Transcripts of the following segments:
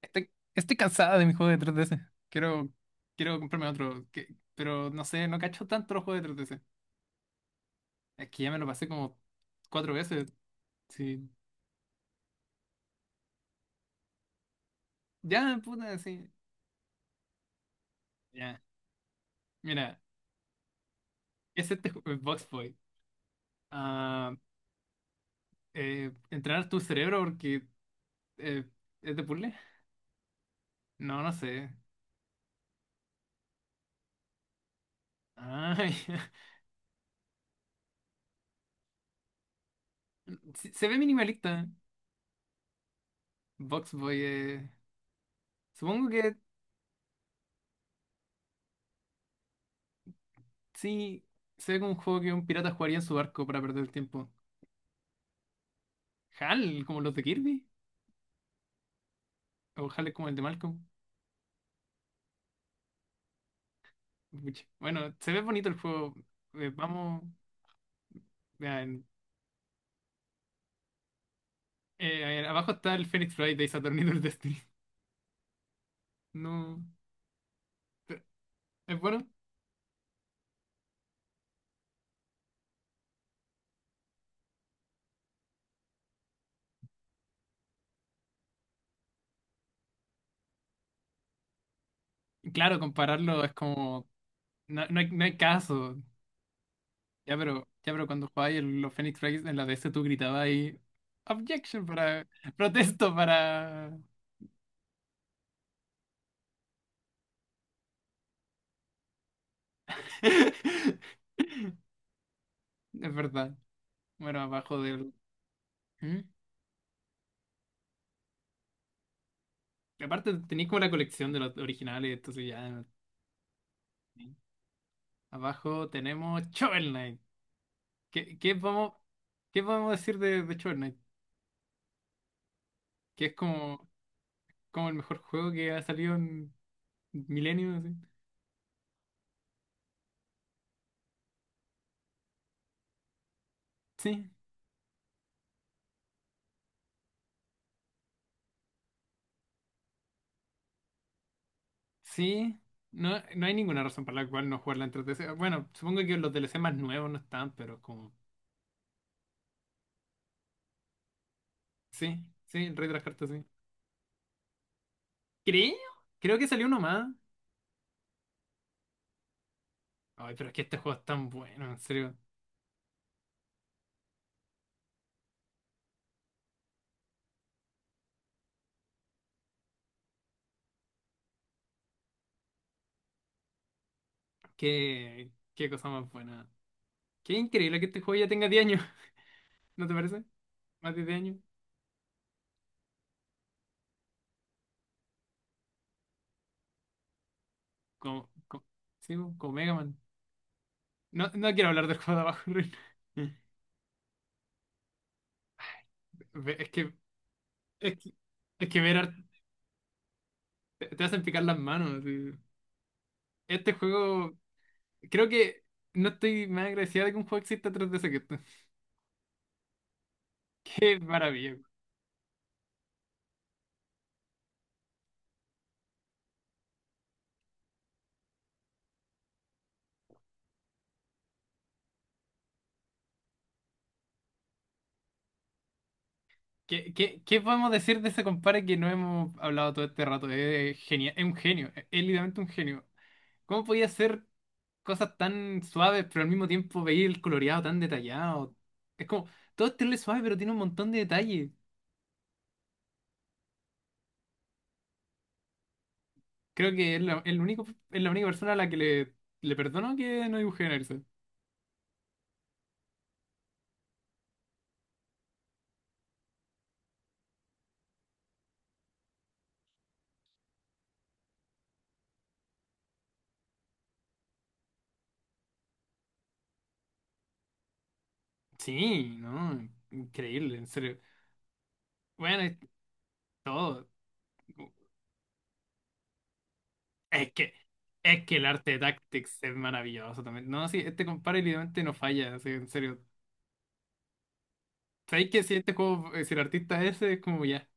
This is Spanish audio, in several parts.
Estoy, estoy cansada de mi juego de 3DS. Quiero, quiero comprarme otro. Pero no sé, no cacho tanto los juegos de 3DS. Es que ya me lo pasé como cuatro veces. Sí. Ya, puta, sí. Ya. Mira, es Box Boy. Ah, entrenar tu cerebro porque eh, es de puzzle. No, no sé. Ay, se ve minimalista. Box Boy. Supongo que sí. Se ve como un juego que un pirata jugaría en su barco para perder el tiempo. Hal, como los de Kirby. O Hal es como el de Malcolm. Pucha. Bueno, se ve bonito el juego. Vamos. Ya, a ver, abajo está el Phoenix Wright de Saturn y del Destiny. No. Pero, ¿es bueno? Claro, compararlo es como. No, no hay caso. Ya, pero cuando jugabas los Phoenix Wright en la DS tú gritabas ahí. Objection para. Protesto para. Es verdad. Bueno, abajo del. ¿Mm? Aparte, tenéis como la colección de los originales, entonces ya. Sí. Abajo tenemos Shovel Knight. ¿Qué, qué vamos, qué podemos decir de Shovel Knight? Que es como el mejor juego que ha salido en milenios. Así. Sí, sí. No, no hay ninguna razón para la cual no jugarla en 3DS. Bueno, supongo que los DLC más nuevos no están, pero como. Sí, sí, el Rey de las Cartas, sí. Creo, creo que salió uno más. Ay, pero es que este juego es tan bueno, en serio. Qué cosa más buena. Qué increíble que este juego ya tenga 10 años, ¿no te parece? Más de 10 años. Como, co- sí, pues, como Mega Man. No, no quiero hablar del juego de abajo, Rin. Ve- Es que, es que, es que ver te hacen picar las manos. Sí. Este juego, creo que no estoy más agradecida de que un juego exista tras de ese que esto. Qué maravilla. ¿Qué podemos decir de ese compadre que no hemos hablado todo este rato? Es genial, es un genio, es literalmente un genio. ¿Cómo podía hacer cosas tan suaves, pero al mismo tiempo veía el coloreado tan detallado? Es como, todo es terrible suave, pero tiene un montón de detalles. Creo que es la única persona a la que le perdono que no dibuje en Erso. Sí, no, increíble, en serio. Bueno, es todo. Es que, es que el arte de Tactics es maravilloso también. No, sí, este compadre literalmente no falla, así, en serio. ¿Sabéis que si el artista es ese, es como ya,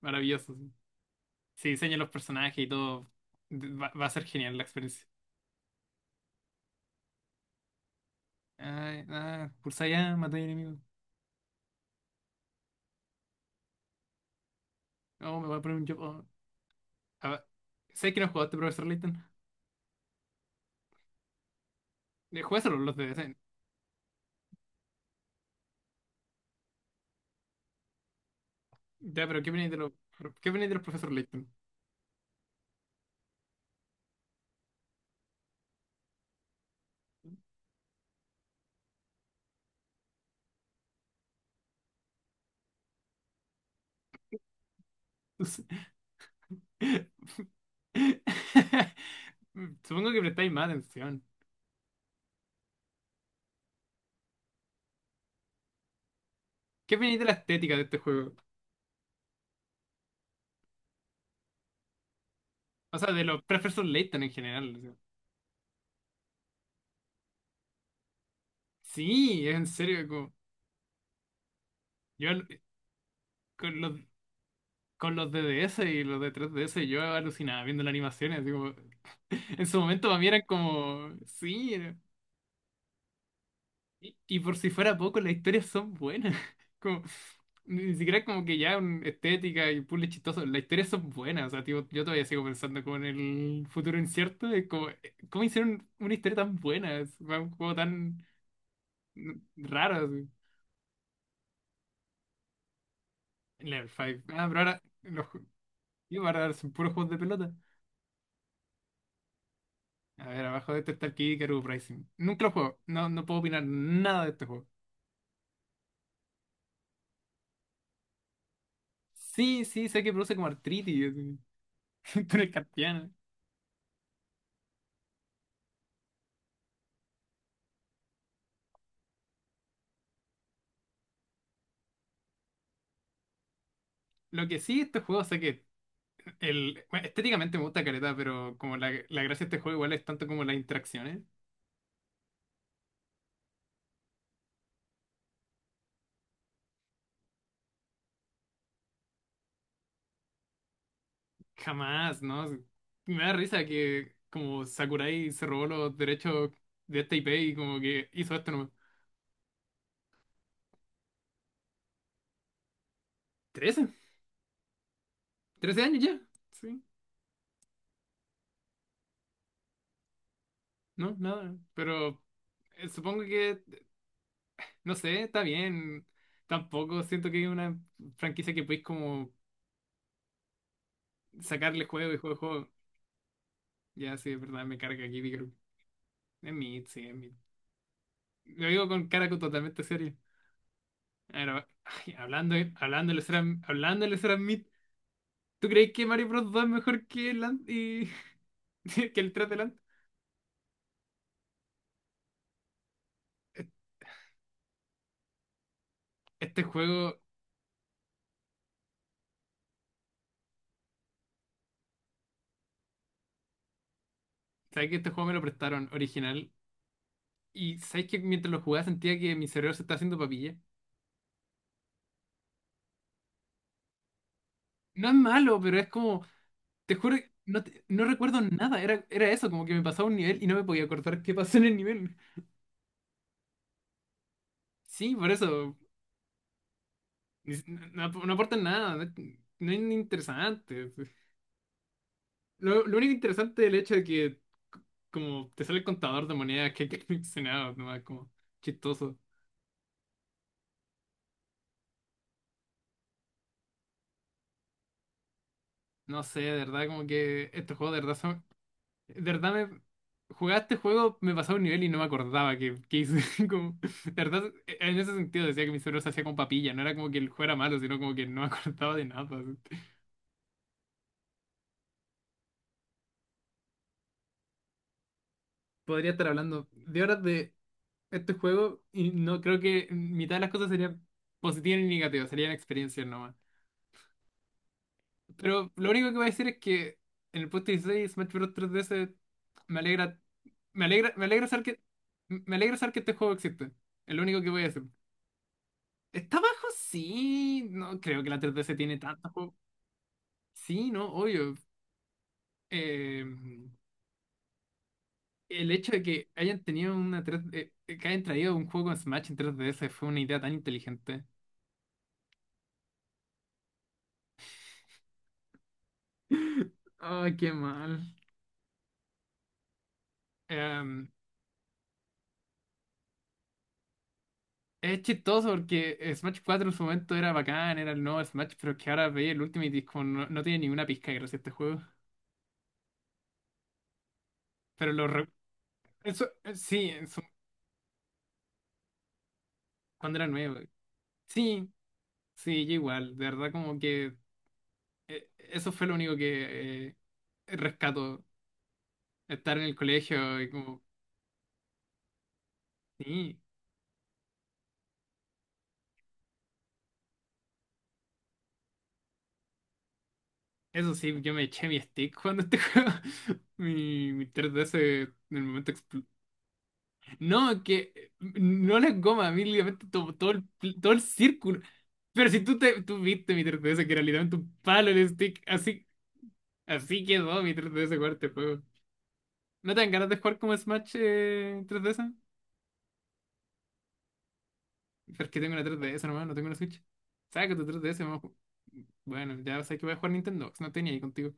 maravilloso. Sí. Si diseña los personajes y todo, va a ser genial la experiencia. Ay, ah, pulsa ya, matar enemigo. No, me voy a poner un yo. Oh. Ah, ¿sabes que no jugaste, profesor Layton? De jugárselo los de DSN. Ya, pero ¿qué opináis de los profesor Layton? Supongo que prestáis más atención. ¿Qué opináis de la estética de este juego? O sea, de los profesor Layton en general. O sea. Sí, es en serio, como, yo al- con los de DS y los de 3DS yo alucinaba viendo las animaciones. Así como- en su momento para mí eran como, sí. Y por si fuera poco, las historias son buenas. Como, ni siquiera como que ya estética y puzzles chistoso las historias son buenas. O sea, tipo, yo todavía sigo pensando como en el futuro incierto de como, cómo hicieron una historia tan buena, es un juego tan raro. Así. Level 5. Ah, pero ahora los ju- y ahora son puros juegos de pelota. A ver, abajo de este está el Kid Icarus Uprising. Nunca lo juego, no, no puedo opinar nada de este juego. Sí, sí, sé que produce como artritis, así. Túnel carpiano. Lo que sí, este juego sé que bueno, estéticamente me gusta Careta, pero como la gracia de este juego igual es tanto como las interacciones. Jamás, ¿no? Me da risa que como Sakurai se robó los derechos de esta IP y como que hizo esto nomás. 13 13 años ya? Sí, no, nada. Pero supongo que, no sé, está bien. Tampoco siento que es una franquicia que podéis como sacarle juego y juego, juego. Ya, sí, es verdad, me carga aquí, Vicaru. Es mid, sí, es mid. Lo digo con cara totalmente seria. Pero, ay, hablando del SRAM Meet, ¿tú crees que Mario Bros 2 es mejor que el, an- y- que el 3 de Land? E- Este juego, ¿sabes que este juego me lo prestaron original? Y ¿sabes que mientras lo jugaba sentía que mi cerebro se estaba haciendo papilla? No es malo, pero es como, te juro, que no, no recuerdo nada, era eso, como que me pasaba un nivel y no me podía acordar qué pasó en el nivel. Sí, por eso, si, no, no aporta nada, no es interesante. Lo único interesante del hecho de que c- como te sale el contador de monedas que hay coleccionado, nomás como chistoso. No sé, de verdad, como que estos juegos de verdad son... De verdad me... Jugaba este juego, me pasaba un nivel y no me acordaba que hice. Como, de verdad, en ese sentido decía que mi cerebro se hacía con papilla. No era como que el juego era malo, sino como que no me acordaba de nada. Podría estar hablando de horas de este juego y no creo que mitad de las cosas serían positivas ni negativas, serían experiencias nomás. Pero lo único que voy a decir es que en el puesto 16 Smash Bros. 3DS me alegra, me alegra saber que este juego existe. Es lo único que voy a decir. ¿Está bajo? Sí, no creo que la 3DS tiene tantos juegos. Sí, no, obvio. Eh, el hecho de que hayan tenido una 3 que hayan traído un juego con Smash en 3DS fue una idea tan inteligente. Ay, qué mal. Es chistoso porque Smash 4 en su momento era bacán, era el nuevo Smash, pero es que ahora veía el Ultimate y es como no, no tiene ninguna pizca gracias a este juego. Pero eso, sí, cuando era nuevo. Sí, sí, yo igual. De verdad como que eso fue lo único que rescato. Estar en el colegio y como, sí. Eso sí, yo me eché mi stick cuando este juego. Mi 3DS en el momento expl- no, que no la goma, a mí, literalmente todo, todo el círculo. Pero si tú viste mi 3DS, que era literalmente un palo el stick, así, quedó mi 3DS jugar este juego. ¿No te dan ganas de jugar como Smash 3DS? Pero es que tengo una 3DS nomás, no tengo una Switch. Saca tu 3DS, vamos a ju- Bueno, ya sabes que voy a jugar Nintendo, no tenía ahí contigo.